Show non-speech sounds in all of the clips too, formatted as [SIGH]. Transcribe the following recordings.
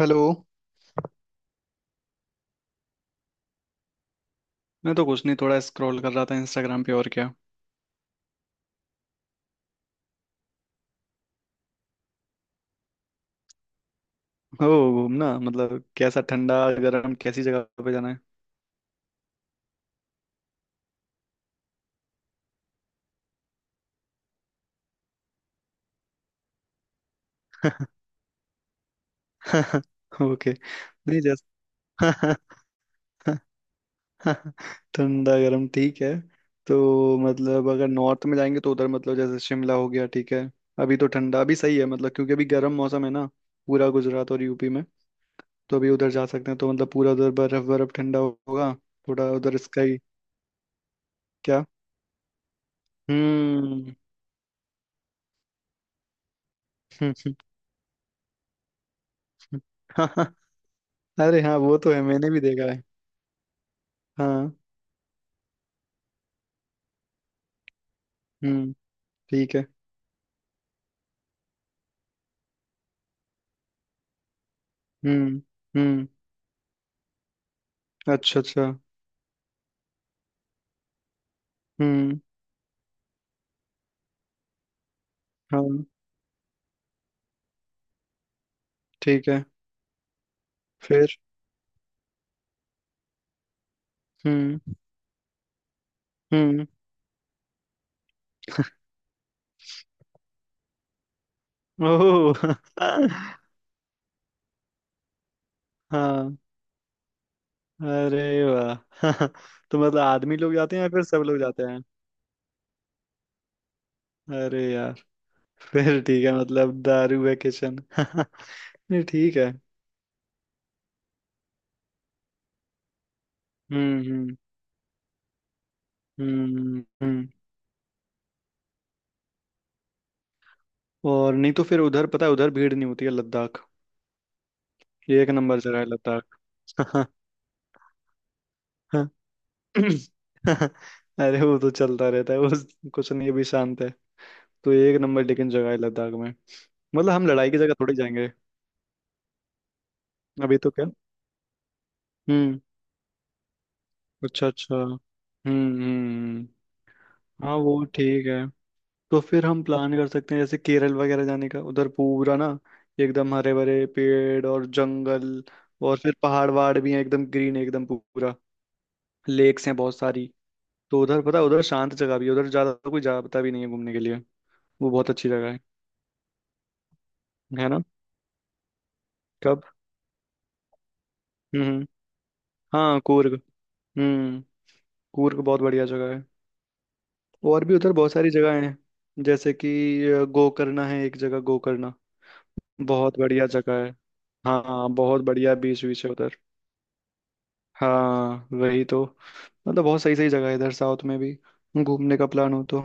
Hello. मैं तो कुछ नहीं थोड़ा स्क्रॉल कर रहा था इंस्टाग्राम पे और क्या। ओ। घूमना मतलब कैसा ठंडा गर्म कैसी जगह पे जाना है? [LAUGHS] ओके। नहीं जैसे [LAUGHS] ठंडा गर्म ठीक है। तो मतलब अगर नॉर्थ में जाएंगे तो उधर मतलब जैसे शिमला हो गया ठीक है। अभी तो ठंडा अभी सही है मतलब क्योंकि अभी गर्म मौसम है ना पूरा गुजरात और यूपी में। तो अभी उधर जा सकते हैं तो मतलब पूरा उधर बर्फ बर्फ ठंडा होगा। थोड़ा उधर स्काई। क्या? हम्म। [LAUGHS] [LAUGHS] अरे हाँ वो तो है मैंने भी देखा है। हाँ। हम्म। ठीक है। हम्म हम्म। अच्छा अच्छा। हम्म। हाँ। ठीक है। फिर। हम्म हम्म। ओह। [LAUGHS] हाँ। अरे वाह। [LAUGHS] तो मतलब आदमी लोग जाते हैं या फिर सब लोग जाते हैं? अरे यार। फिर ठीक है मतलब दारू वेकेशन [LAUGHS] नहीं ठीक है। हम्म। हम्म। और नहीं तो फिर उधर पता है उधर भीड़ नहीं होती है लद्दाख। ये एक नंबर जगह है लद्दाख। [LAUGHS] [LAUGHS] अरे वो तो चलता रहता है वो कुछ नहीं अभी शांत है। तो एक नंबर लेकिन जगह है लद्दाख में। मतलब हम लड़ाई की जगह थोड़ी जाएंगे। अभी तो क्या। हम्म। अच्छा अच्छा। हम्म। हाँ वो ठीक है। तो फिर हम प्लान कर सकते हैं जैसे केरल वगैरह जाने का उधर पूरा ना। एकदम हरे भरे पेड़ और जंगल। और फिर पहाड़ वहाड़ भी हैं एकदम ग्रीन एकदम पूरा। लेक्स हैं बहुत सारी। तो उधर पता है, उधर शांत जगह भी है उधर ज्यादा कोई जाता भी नहीं है घूमने के लिए। वो बहुत अच्छी जगह है। है ना। हम्म। हाँ कूर्ग। हम्म। कूर्ग बहुत बढ़िया जगह है। और भी उधर बहुत सारी जगह हैं। जैसे कि गोकर्णा है एक जगह गोकर्णा। बहुत बढ़िया जगह है। हाँ बहुत बढ़िया बीच बीच है उधर। हाँ वही तो। मतलब बहुत सही सही जगह है इधर साउथ में भी। घूमने का प्लान हो तो।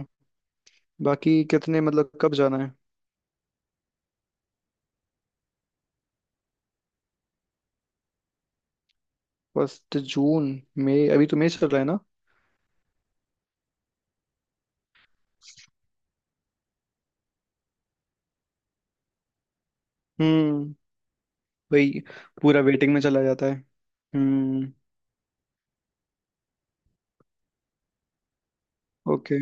बाकी कितने मतलब कब जाना है? First June. मई अभी तो मई चल रहा है ना। हम्म। वही। पूरा वेटिंग में चला जाता है। हम्म। ओके।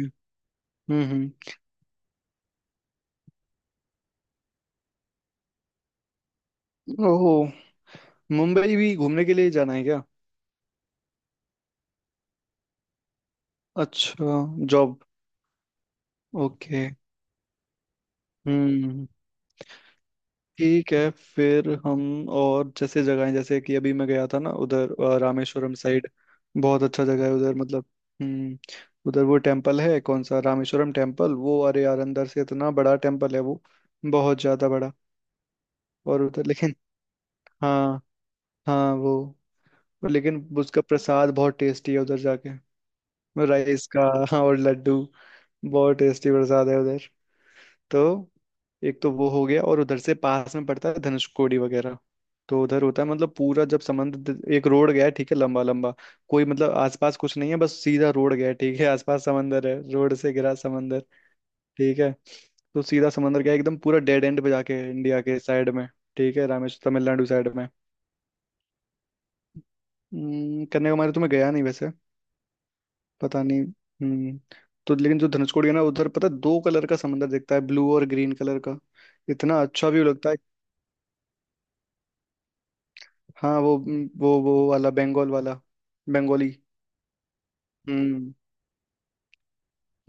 हम्म। ओहो। मुंबई भी घूमने के लिए जाना है क्या? अच्छा। जॉब। ओके। हम्म। ठीक है। फिर हम। और जैसे जगहें जैसे कि अभी मैं गया था ना उधर रामेश्वरम साइड। बहुत अच्छा जगह है उधर मतलब। हम्म। उधर वो टेम्पल है कौन सा रामेश्वरम टेम्पल वो अरे यार अंदर से इतना बड़ा टेम्पल है वो। बहुत ज्यादा बड़ा। और उधर लेकिन। हाँ। हाँ वो। और लेकिन उसका प्रसाद बहुत टेस्टी है उधर जाके। राइस का। हाँ और लड्डू। बहुत टेस्टी प्रसाद है उधर। तो। एक तो वो हो गया और उधर से पास में पड़ता है धनुषकोडी वगैरह। तो उधर होता है मतलब पूरा जब समुद्र एक रोड गया है, ठीक है लंबा लंबा। कोई मतलब आसपास कुछ नहीं है बस सीधा रोड गया है, ठीक है आसपास समंदर है रोड से घिरा समंदर। ठीक है। तो सीधा समंदर गया एकदम पूरा डेड एंड पे जाके है, इंडिया के साइड में। ठीक है रामेश्वर तमिलनाडु साइड में। कन्याकुमारी तो मैं गया नहीं वैसे। पता नहीं। हम्म। तो लेकिन जो धनुषकोडी है ना उधर पता है दो कलर का समंदर दिखता है ब्लू और ग्रीन कलर का। इतना अच्छा व्यू लगता है। हाँ वो वाला बंगाल वाला। बंगाली। हम्म।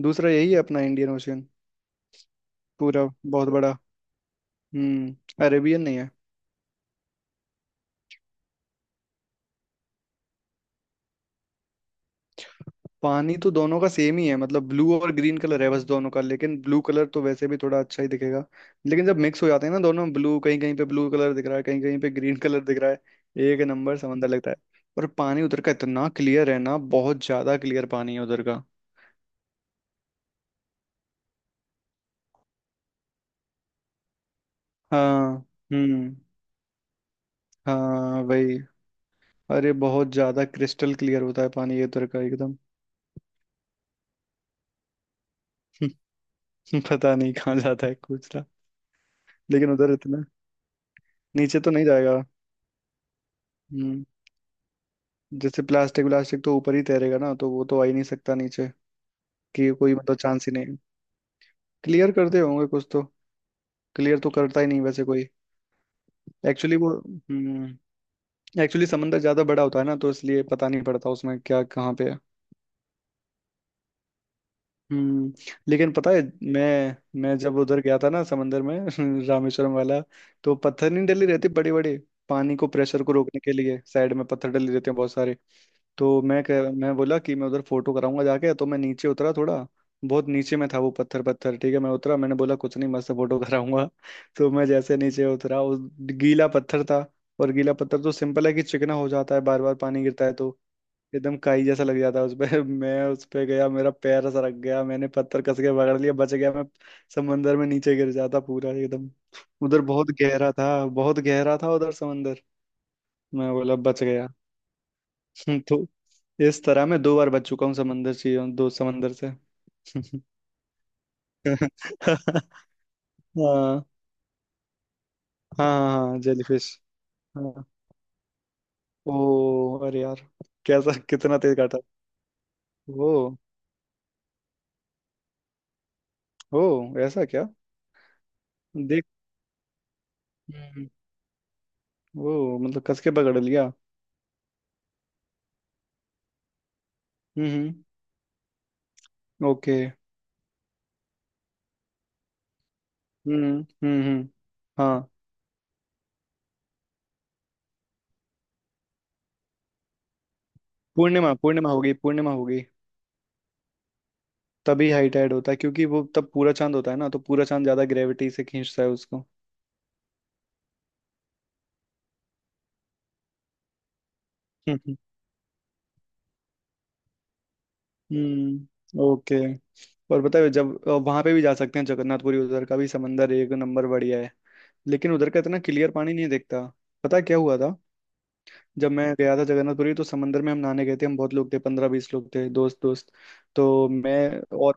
दूसरा यही है अपना इंडियन ओशियन। पूरा। बहुत बड़ा। अरेबियन नहीं है। पानी तो दोनों का सेम ही है मतलब ब्लू और ग्रीन कलर है बस दोनों का लेकिन ब्लू कलर तो वैसे भी थोड़ा अच्छा ही दिखेगा। लेकिन जब मिक्स हो जाते हैं ना दोनों ब्लू कहीं कहीं पे ब्लू कलर दिख रहा है कहीं कहीं पे ग्रीन कलर दिख रहा है। एक नंबर समंदर लगता है। और पानी उधर का इतना क्लियर है ना बहुत ज्यादा क्लियर पानी है उधर का। हाँ। हम्म। हाँ वही। अरे बहुत ज्यादा क्रिस्टल क्लियर होता है पानी ये उधर का एकदम। [LAUGHS] पता नहीं कहाँ जाता है कूचरा। लेकिन उधर इतना। नीचे तो नहीं जाएगा। हम्म। जैसे प्लास्टिक व्लास्टिक तो ऊपर ही तैरेगा ना तो वो तो आ ही नहीं सकता नीचे। कि कोई मतलब चांस ही नहीं। क्लियर करते होंगे कुछ तो। क्लियर तो करता ही नहीं वैसे कोई। एक्चुअली वो हम्म एक्चुअली समंदर ज्यादा बड़ा होता है ना तो इसलिए पता नहीं पड़ता उसमें क्या कहाँ पे है। हम्म। लेकिन पता है। मैं जब उधर गया था ना समंदर में [LAUGHS] रामेश्वरम वाला। तो पत्थर नहीं डली रहती बड़े बड़े। पानी को प्रेशर को रोकने के लिए साइड में पत्थर डले रहते हैं बहुत सारे। तो मैं बोला कि मैं उधर फोटो कराऊंगा जाके तो मैं नीचे उतरा थोड़ा। बहुत नीचे में था वो पत्थर पत्थर ठीक है मैं उतरा मैंने बोला कुछ नहीं मस्त फोटो कराऊंगा। [LAUGHS] तो मैं जैसे नीचे उतरा उस गीला पत्थर था। और गीला पत्थर तो सिंपल है कि चिकना हो जाता है बार बार पानी गिरता है तो एकदम काई जैसा लग जाता है उस पे। [LAUGHS] मैं उस पे गया मेरा पैर सरक गया मैंने पत्थर कस के पकड़ लिया बच गया मैं। समंदर में नीचे गिर जाता पूरा एकदम। उधर बहुत गहरा था उधर समंदर। मैं बोला बच गया। [LAUGHS] तो इस तरह मैं दो बार बच चुका हूँ समंदर से दो समंदर से [LAUGHS] हाँ हाँ हाँ जेलीफिश हाँ। ओ अरे यार। कैसा कितना तेज काटा? ओ। ओ। ऐसा क्या। देख। हम्म, ओ मतलब कस के पकड़ लिया। हम्म हम्म। ओके। हम्म हम्म। हाँ। पूर्णिमा पूर्णिमा होगी पूर्णिमा होगी। तभी हाइट ऐड होता है क्योंकि वो तब पूरा चांद होता है ना तो पूरा चांद ज्यादा ग्रेविटी से खींचता है उसको। हम्म हम्म। ओके और बताए जब। वहां पे भी जा सकते हैं जगन्नाथपुरी उधर का भी समंदर एक नंबर बढ़िया है। लेकिन उधर का इतना क्लियर पानी नहीं दिखता। पता है क्या हुआ था। जब मैं गया था जगन्नाथपुरी तो समंदर में हम नहाने गए थे हम बहुत लोग थे 15-20 लोग थे दोस्त दोस्त। तो मैं और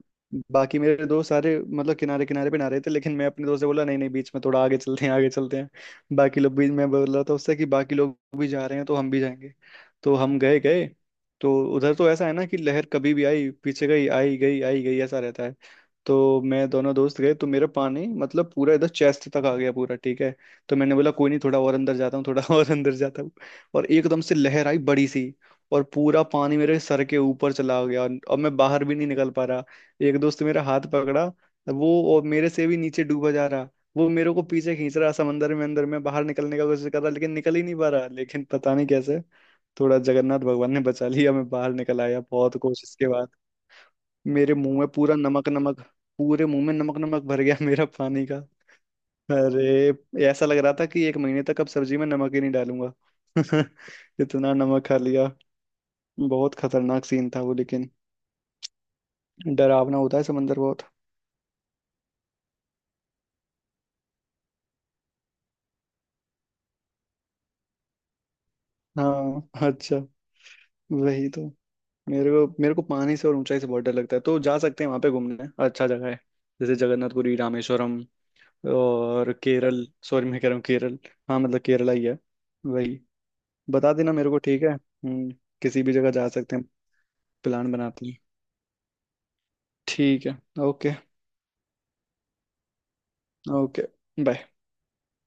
बाकी मेरे दोस्त सारे मतलब किनारे किनारे पे नहा रहे थे लेकिन मैं अपने दोस्त से बोला नहीं नहीं बीच में थोड़ा आगे चलते हैं आगे चलते हैं। बाकी लोग भी मैं बोल रहा था उससे कि बाकी लोग भी जा रहे हैं तो हम भी जाएंगे। तो हम गए गए। तो उधर तो ऐसा है ना कि लहर कभी भी आई पीछे गई आई गई आई गई ऐसा रहता है। तो मैं दोनों दोस्त गए तो मेरा पानी मतलब पूरा इधर चेस्ट तक आ गया पूरा ठीक है। तो मैंने बोला कोई नहीं थोड़ा और अंदर जाता हूँ थोड़ा [LAUGHS] और अंदर जाता हूँ। और एकदम से लहर आई बड़ी सी। और पूरा पानी मेरे सर के ऊपर चला गया और अब मैं बाहर भी नहीं निकल पा रहा। एक दोस्त ने मेरा हाथ पकड़ा। वो और मेरे से भी नीचे डूबा जा रहा। वो मेरे को पीछे खींच रहा समंदर में अंदर में बाहर निकलने का कोशिश कर रहा लेकिन निकल ही नहीं पा रहा लेकिन पता नहीं कैसे। थोड़ा जगन्नाथ भगवान ने बचा लिया मैं बाहर निकल आया बहुत कोशिश के बाद। मेरे मुंह में पूरा नमक नमक। पूरे मुंह में नमक नमक भर गया मेरा पानी का। अरे। ऐसा लग रहा था कि एक महीने तक अब सब्जी में नमक ही नहीं डालूंगा। [LAUGHS] इतना नमक खा लिया। बहुत खतरनाक सीन था वो लेकिन। डरावना होता है समंदर बहुत। हाँ अच्छा। वही तो। मेरे को पानी से और ऊंचाई से बहुत डर लगता है तो जा सकते हैं वहां पे घूमने अच्छा जगह है। जैसे जगन्नाथपुरी रामेश्वरम। और केरल सॉरी मैं कह रहा हूँ केरल। हाँ मतलब केरला ही है। वही। बता देना मेरे को ठीक है हम्म। किसी भी जगह जा सकते हैं। प्लान बनाते हैं। ठीक है। ओके। ओके। बाय।